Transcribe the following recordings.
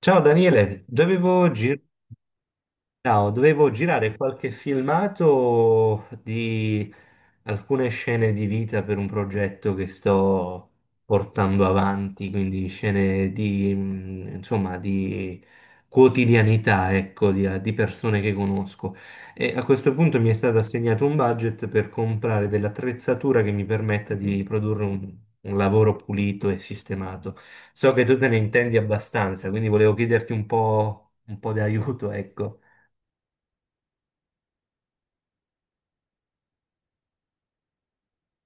Ciao Daniele, dovevo. Sì. Girare. Ciao, dovevo girare qualche filmato di alcune scene di vita per un progetto che sto portando avanti, quindi scene insomma, di quotidianità, ecco, di persone che conosco. E a questo punto mi è stato assegnato un budget per comprare dell'attrezzatura che mi permetta di produrre un lavoro pulito e sistemato. So che tu te ne intendi abbastanza, quindi volevo chiederti un po' di aiuto, ecco.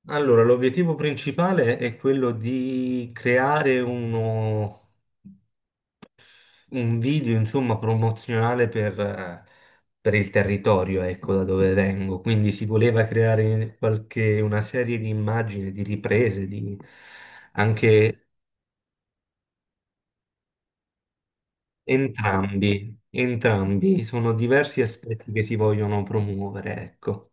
Allora, l'obiettivo principale è quello di creare un video, insomma, promozionale per il territorio, ecco, da dove vengo. Quindi si voleva creare una serie di immagini, di riprese, di. Anche entrambi, entrambi. Sono diversi aspetti che si vogliono promuovere, ecco.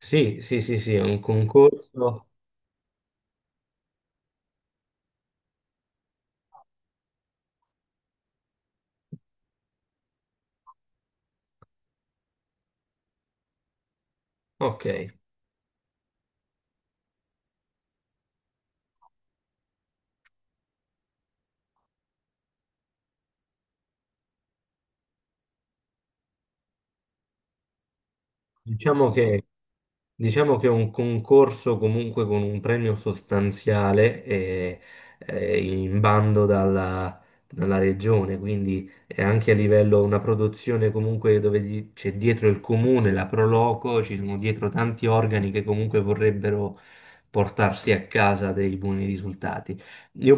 Sì, sì, sì, sì, è un concorso. Ok, diciamo che. Diciamo che è un concorso comunque con un premio sostanziale, in bando dalla regione, quindi è anche a livello una produzione comunque dove c'è dietro il comune, la Proloco, ci sono dietro tanti organi che comunque vorrebbero portarsi a casa dei buoni risultati. Io.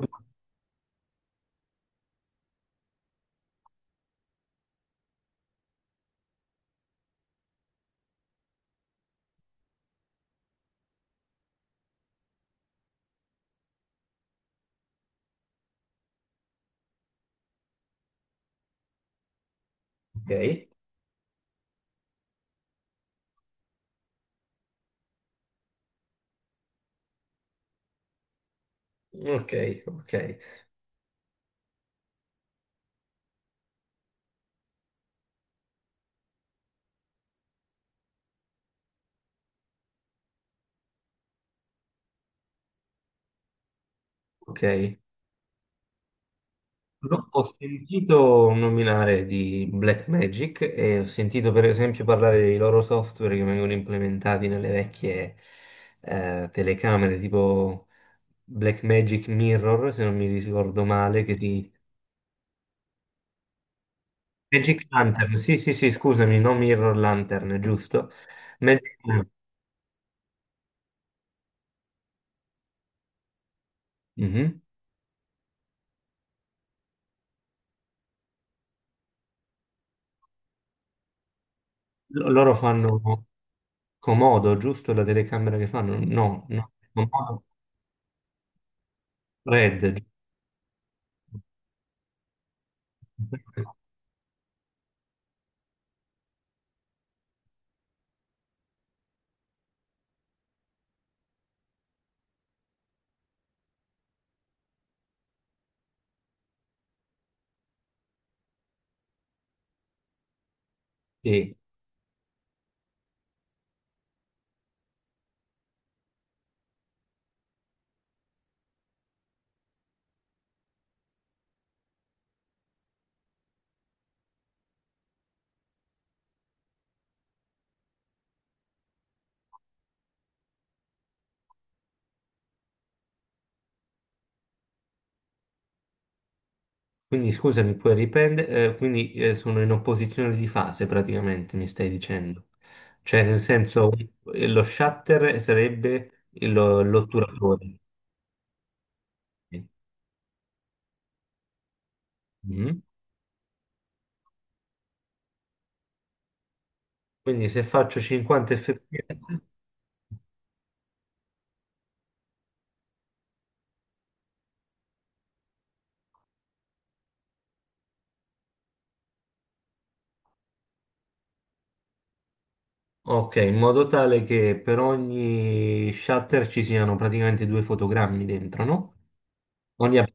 Ok, ok, ok, ok. No, ho sentito nominare di Blackmagic e ho sentito per esempio parlare dei loro software che vengono implementati nelle vecchie telecamere, tipo Blackmagic Mirror, se non mi ricordo male, che si. Magic Lantern, sì, sì, sì, scusami, no Mirror Lantern, giusto? Magic Lantern. Mhm. Loro fanno Comodo, giusto? La telecamera che fanno? No, no, Comodo Red. Giusto? Sì. Quindi scusami, puoi riprendere, quindi sono in opposizione di fase praticamente, mi stai dicendo. Cioè, nel senso, lo shutter sarebbe l'otturatore. Mhm. Quindi se faccio 50 fps, ok, in modo tale che per ogni shutter ci siano praticamente due fotogrammi dentro, no? Ogni app-.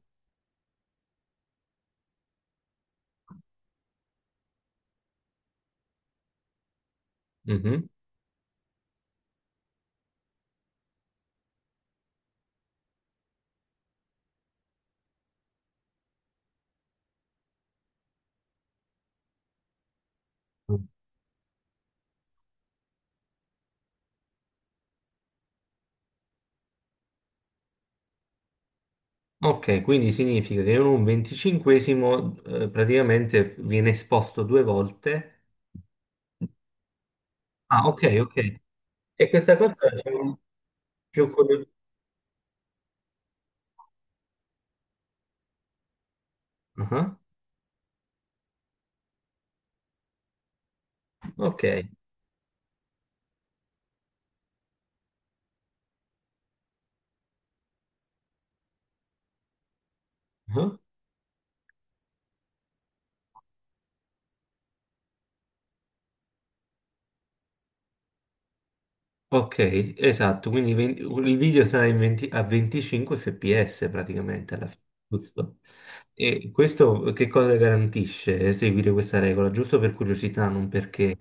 Mhm. Ok, quindi significa che in un venticinquesimo praticamente viene esposto due volte. Ah, ok, ok. E questa cosa c'è un- più quello. Ah, ok, ah, ok, esatto. Quindi il video sarà in 20 a 25 fps praticamente alla fine, giusto? E questo che cosa garantisce seguire questa regola? Giusto per curiosità, non perché.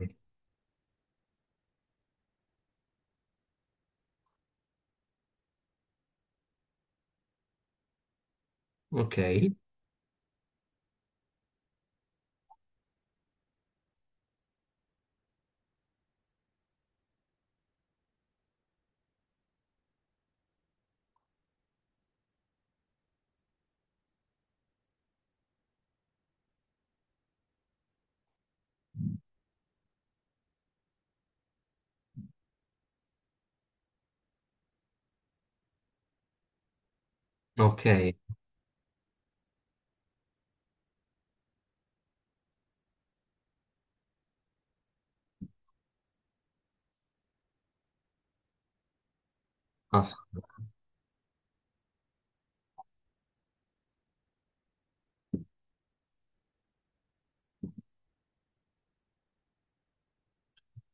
Ok, ok.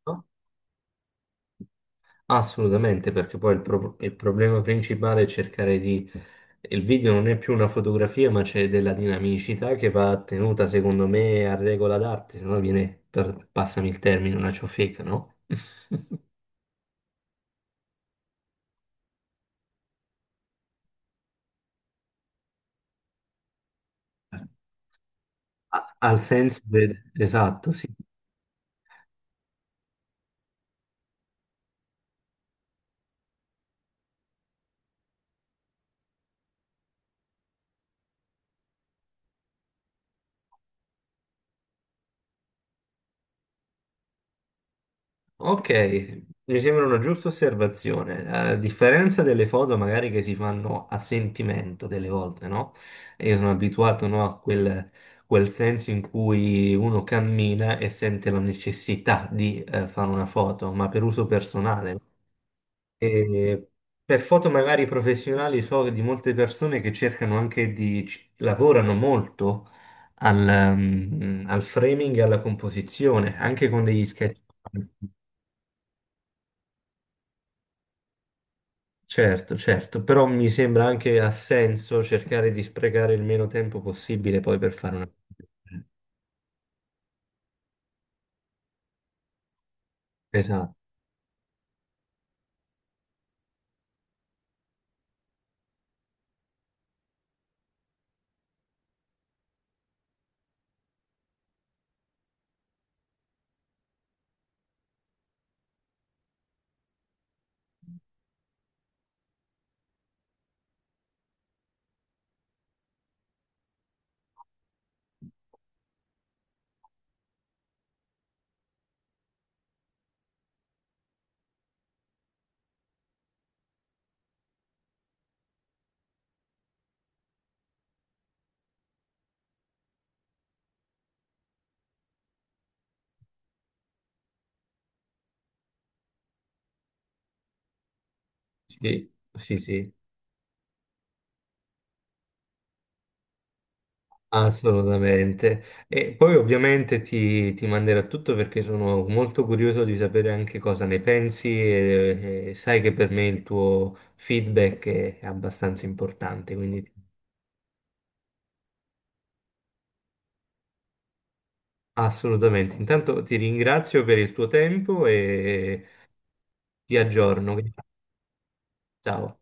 Ascolto. Assolutamente, perché poi il problema principale è cercare di. Il video non è più una fotografia, ma c'è della dinamicità che va tenuta, secondo me, a regola d'arte, se no viene, passami il termine, una ciofeca, no? Al senso esatto, sì. Ok, mi sembra una giusta osservazione. A differenza delle foto magari che si fanno a sentimento delle volte, no? E io sono abituato, no, a quel senso in cui uno cammina e sente la necessità di fare una foto, ma per uso personale. E per foto magari professionali so di molte persone che cercano anche di. Lavorano molto al, al framing e alla composizione, anche con degli sketch. Certo, certo, però mi sembra anche ha senso cercare di sprecare il meno tempo possibile poi per fare una. Esatto, sì, sì, sì, assolutamente. E poi ovviamente ti manderò tutto perché sono molto curioso di sapere anche cosa ne pensi, e sai che per me il tuo feedback è abbastanza importante, quindi assolutamente. Intanto ti ringrazio per il tuo tempo e ti aggiorno. Ciao.